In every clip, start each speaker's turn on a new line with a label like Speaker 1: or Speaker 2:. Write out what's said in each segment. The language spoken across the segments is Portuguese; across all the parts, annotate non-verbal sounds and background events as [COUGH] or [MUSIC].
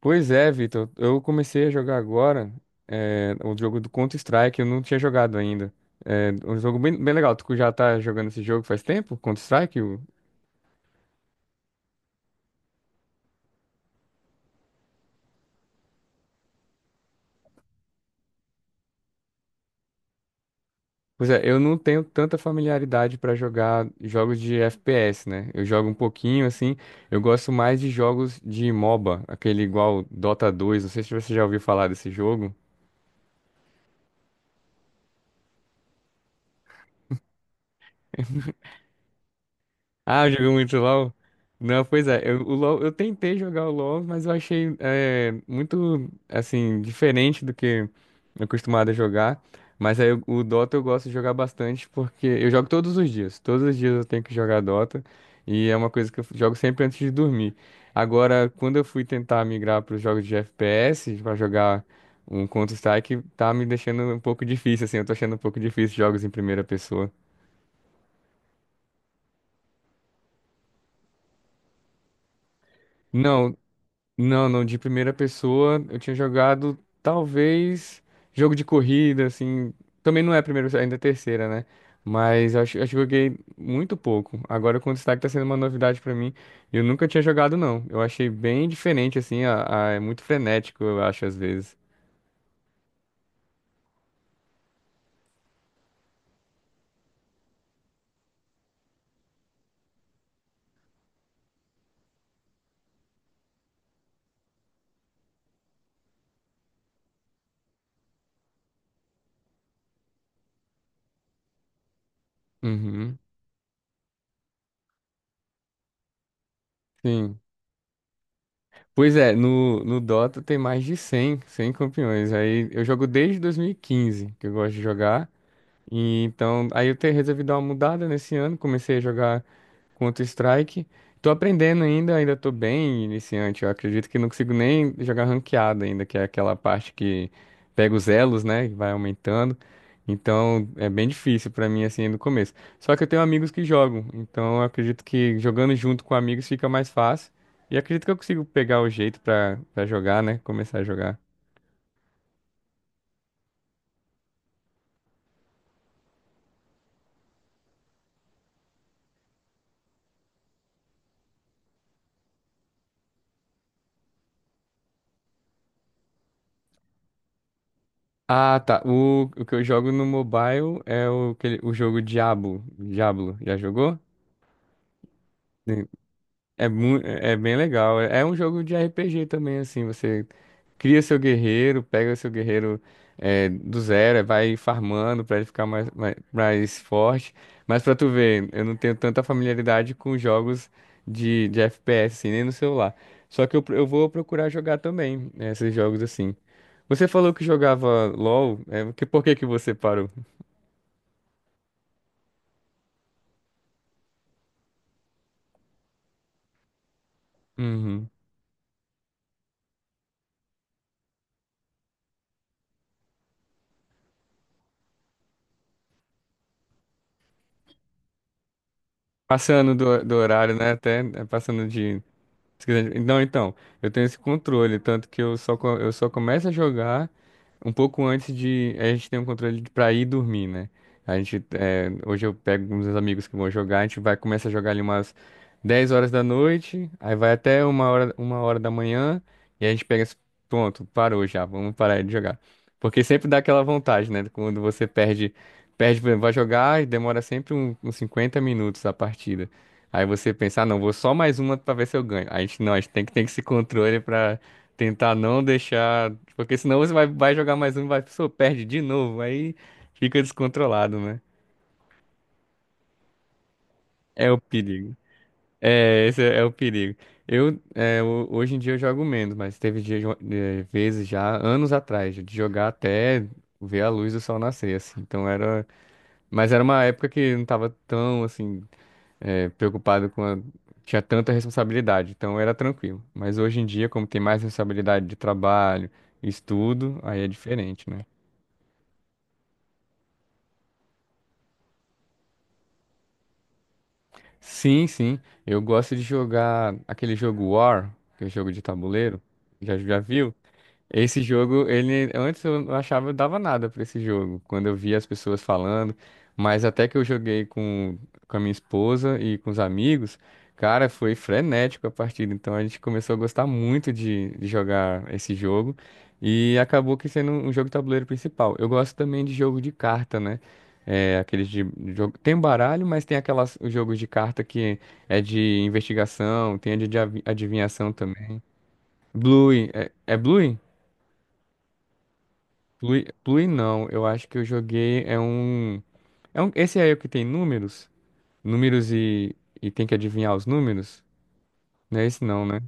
Speaker 1: Pois é, Vitor. Eu comecei a jogar agora o jogo do Counter-Strike. Eu não tinha jogado ainda. É um jogo bem, bem legal. Tu já tá jogando esse jogo faz tempo? Counter-Strike? Pois é, eu não tenho tanta familiaridade pra jogar jogos de FPS, né? Eu jogo um pouquinho assim. Eu gosto mais de jogos de MOBA, aquele igual Dota 2. Não sei se você já ouviu falar desse jogo. Ah, jogou muito LoL? Não, pois é, eu, o LoL, eu tentei jogar o LoL, mas eu achei muito, assim, diferente do que eu acostumado a jogar. Mas aí o Dota eu gosto de jogar bastante, porque eu jogo todos os dias. Todos os dias eu tenho que jogar Dota, e é uma coisa que eu jogo sempre antes de dormir. Agora, quando eu fui tentar migrar para os jogos de FPS, para jogar um Counter-Strike, tá me deixando um pouco difícil, assim, eu tô achando um pouco difícil jogos em primeira pessoa. Não, não, não, de primeira pessoa eu tinha jogado talvez jogo de corrida, assim. Também não é a primeira, ainda é a terceira, né? Mas eu acho que eu joguei muito pouco. Agora o Counter Strike tá sendo uma novidade pra mim. Eu nunca tinha jogado, não. Eu achei bem diferente, assim, é muito frenético, eu acho, às vezes. Uhum, sim. Pois é, no Dota tem mais de cem campeões. Aí eu jogo desde 2015, que eu gosto de jogar. E então, aí resolvi dar uma mudada nesse ano, comecei a jogar. Counter-Strike. Tô aprendendo ainda, ainda tô bem iniciante. Eu acredito que não consigo nem jogar ranqueada ainda, que é aquela parte que pega os elos, né? E vai aumentando. Então é bem difícil pra mim assim no começo. Só que eu tenho amigos que jogam, então eu acredito que jogando junto com amigos fica mais fácil. E acredito que eu consigo pegar o jeito pra para jogar, né? Começar a jogar. Ah, tá. O que eu jogo no mobile é o jogo Diablo. Diablo, já jogou? É, é bem legal. É um jogo de RPG também, assim. Você cria seu guerreiro, pega seu guerreiro do zero, vai farmando pra ele ficar mais, mais, mais forte. Mas pra tu ver, eu não tenho tanta familiaridade com jogos de FPS, assim, nem no celular. Só que eu vou procurar jogar também né, esses jogos assim. Você falou que jogava LOL, por que que você parou? Uhum. Passando do horário, né? Até passando de. Se quiser- Não, então, eu tenho esse controle, tanto que eu só começo a jogar um pouco antes de. A gente tem um controle pra ir dormir, né? Hoje eu pego uns amigos que vão jogar, a gente vai começa a jogar ali umas 10 horas da noite, aí vai até 1 hora, 1 hora da manhã, e aí a gente pega esse pronto parou já, vamos parar de jogar. Porque sempre dá aquela vontade, né? Quando você perde, por exemplo, vai jogar e demora sempre uns 50 minutos a partida. Aí você pensa, ah, não, vou só mais uma pra ver se eu ganho. A gente não, a gente tem que ter esse controle pra tentar não deixar. Porque senão você vai jogar mais uma e vai, pô, perde de novo. Aí fica descontrolado, né? É o perigo. É, esse é o perigo. Eu, hoje em dia eu jogo menos, mas teve dia, vezes já, anos atrás, de jogar até ver a luz do sol nascer, assim. Então era. Mas era uma época que não tava tão, assim. Preocupado com a... tinha tanta responsabilidade, então era tranquilo. Mas hoje em dia, como tem mais responsabilidade de trabalho, estudo, aí é diferente, né? Sim, sim. Eu gosto de jogar aquele jogo War, que é jogo de tabuleiro. Já, já viu? Esse jogo, ele antes eu não achava eu dava nada pra esse jogo, quando eu via as pessoas falando, mas até que eu joguei com a minha esposa e com os amigos, cara, foi frenético a partida, então a gente começou a gostar muito de jogar esse jogo e acabou que sendo um jogo de tabuleiro principal. Eu gosto também de jogo de carta, né? É, aqueles de jogo. Tem um baralho, mas tem aquelas os jogos de carta que é de investigação, tem a de adivinhação também. Blue, é Blue? Plui não, eu acho que eu joguei é um esse aí é o que tem números, números e tem que adivinhar os números? Não é esse não, né?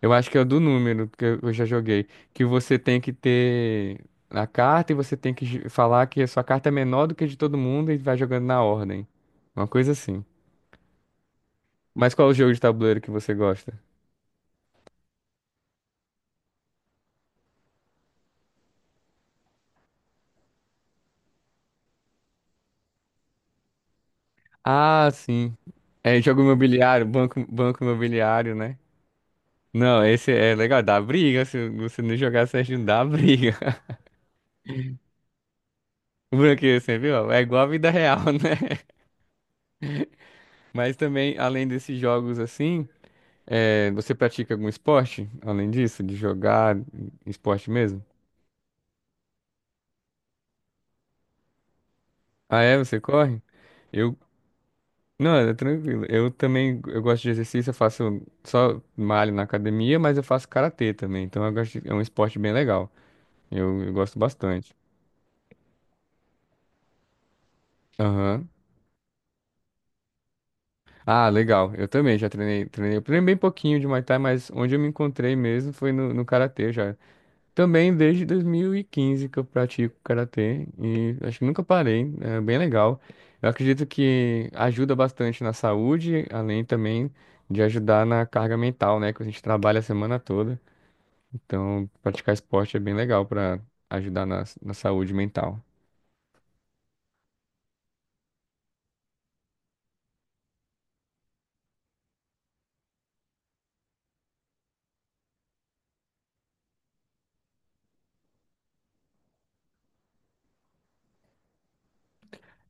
Speaker 1: Eu acho que é o do número que eu já joguei, que você tem que ter a carta e você tem que falar que a sua carta é menor do que a de todo mundo e vai jogando na ordem. Uma coisa assim. Mas qual é o jogo de tabuleiro que você gosta? Ah, sim. É jogo imobiliário, banco imobiliário, né? Não, esse é legal, dá briga. Se você não jogar certinho, dá briga. O Branqueiro, você viu? É igual a vida real, [LAUGHS] né? Mas também, além desses jogos assim, você pratica algum esporte? Além disso, de jogar esporte mesmo? Ah, é? Você corre? Eu. Não, é tranquilo. Eu também eu gosto de exercício, eu faço só malho na academia, mas eu faço karatê também. Então eu gosto é um esporte bem legal. Eu gosto bastante. Aham. Ah, legal. Eu também já treinei, treinei. Eu treinei bem pouquinho de Muay Thai, mas onde eu me encontrei mesmo foi no karatê já. Também desde 2015 que eu pratico karatê e acho que nunca parei, é bem legal. Eu acredito que ajuda bastante na saúde, além também de ajudar na carga mental, né, que a gente trabalha a semana toda. Então, praticar esporte é bem legal para ajudar na saúde mental.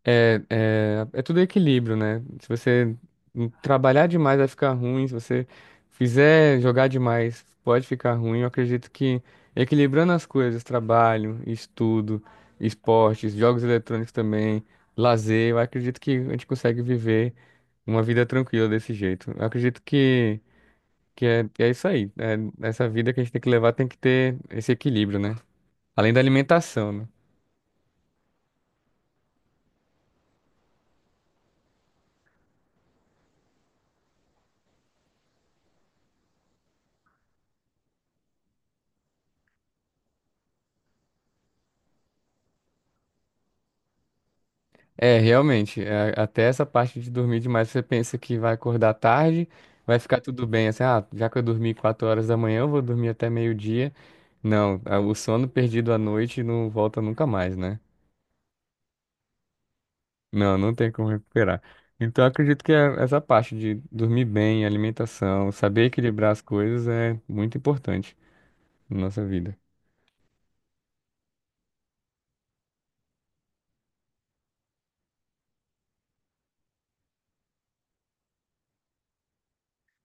Speaker 1: É, tudo equilíbrio, né? Se você trabalhar demais vai ficar ruim, se você fizer jogar demais pode ficar ruim. Eu acredito que equilibrando as coisas, trabalho, estudo, esportes, jogos eletrônicos também, lazer, eu acredito que a gente consegue viver uma vida tranquila desse jeito. Eu acredito que é isso aí. É, essa vida que a gente tem que levar tem que ter esse equilíbrio, né? Além da alimentação, né? É, realmente, até essa parte de dormir demais, você pensa que vai acordar tarde, vai ficar tudo bem, assim, ah, já que eu dormi 4 horas da manhã, eu vou dormir até meio-dia. Não, o sono perdido à noite não volta nunca mais, né? Não, não tem como recuperar. Então, eu acredito que é essa parte de dormir bem, alimentação, saber equilibrar as coisas é muito importante na nossa vida.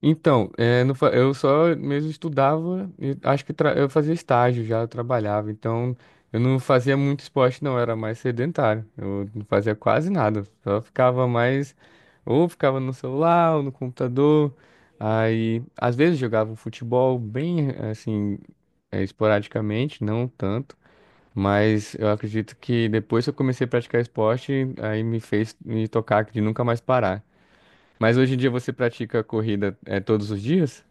Speaker 1: Então, é, não fa- eu só mesmo estudava, e acho que eu fazia estágio já, eu trabalhava, então eu não fazia muito esporte não, eu era mais sedentário, eu não fazia quase nada, só ficava mais, ou ficava no celular, ou no computador, aí às vezes jogava um futebol bem assim, esporadicamente, não tanto, mas eu acredito que depois que eu comecei a praticar esporte, aí me fez me tocar de nunca mais parar. Mas hoje em dia você pratica corrida todos os dias?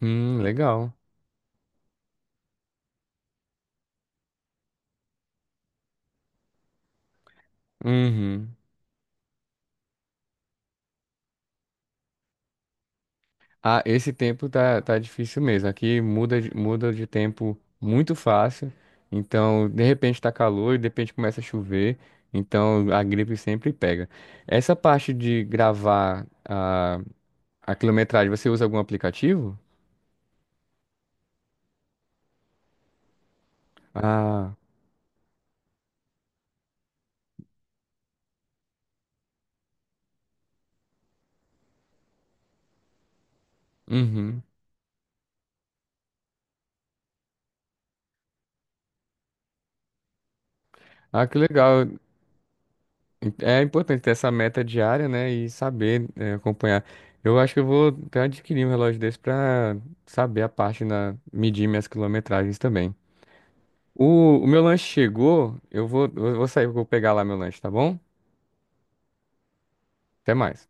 Speaker 1: Legal. Uhum. Ah, esse tempo tá difícil mesmo. Aqui muda, muda de tempo muito fácil. Então, de repente tá calor e de repente começa a chover. Então, a gripe sempre pega. Essa parte de gravar a quilometragem, você usa algum aplicativo? Ah, uhum. Ah, que legal. É importante ter essa meta diária, né? E saber, acompanhar. Eu acho que eu vou até adquirir um relógio desse pra saber a parte na medir minhas quilometragens também. O meu lanche chegou, eu vou sair, eu vou pegar lá meu lanche, tá bom? Até mais.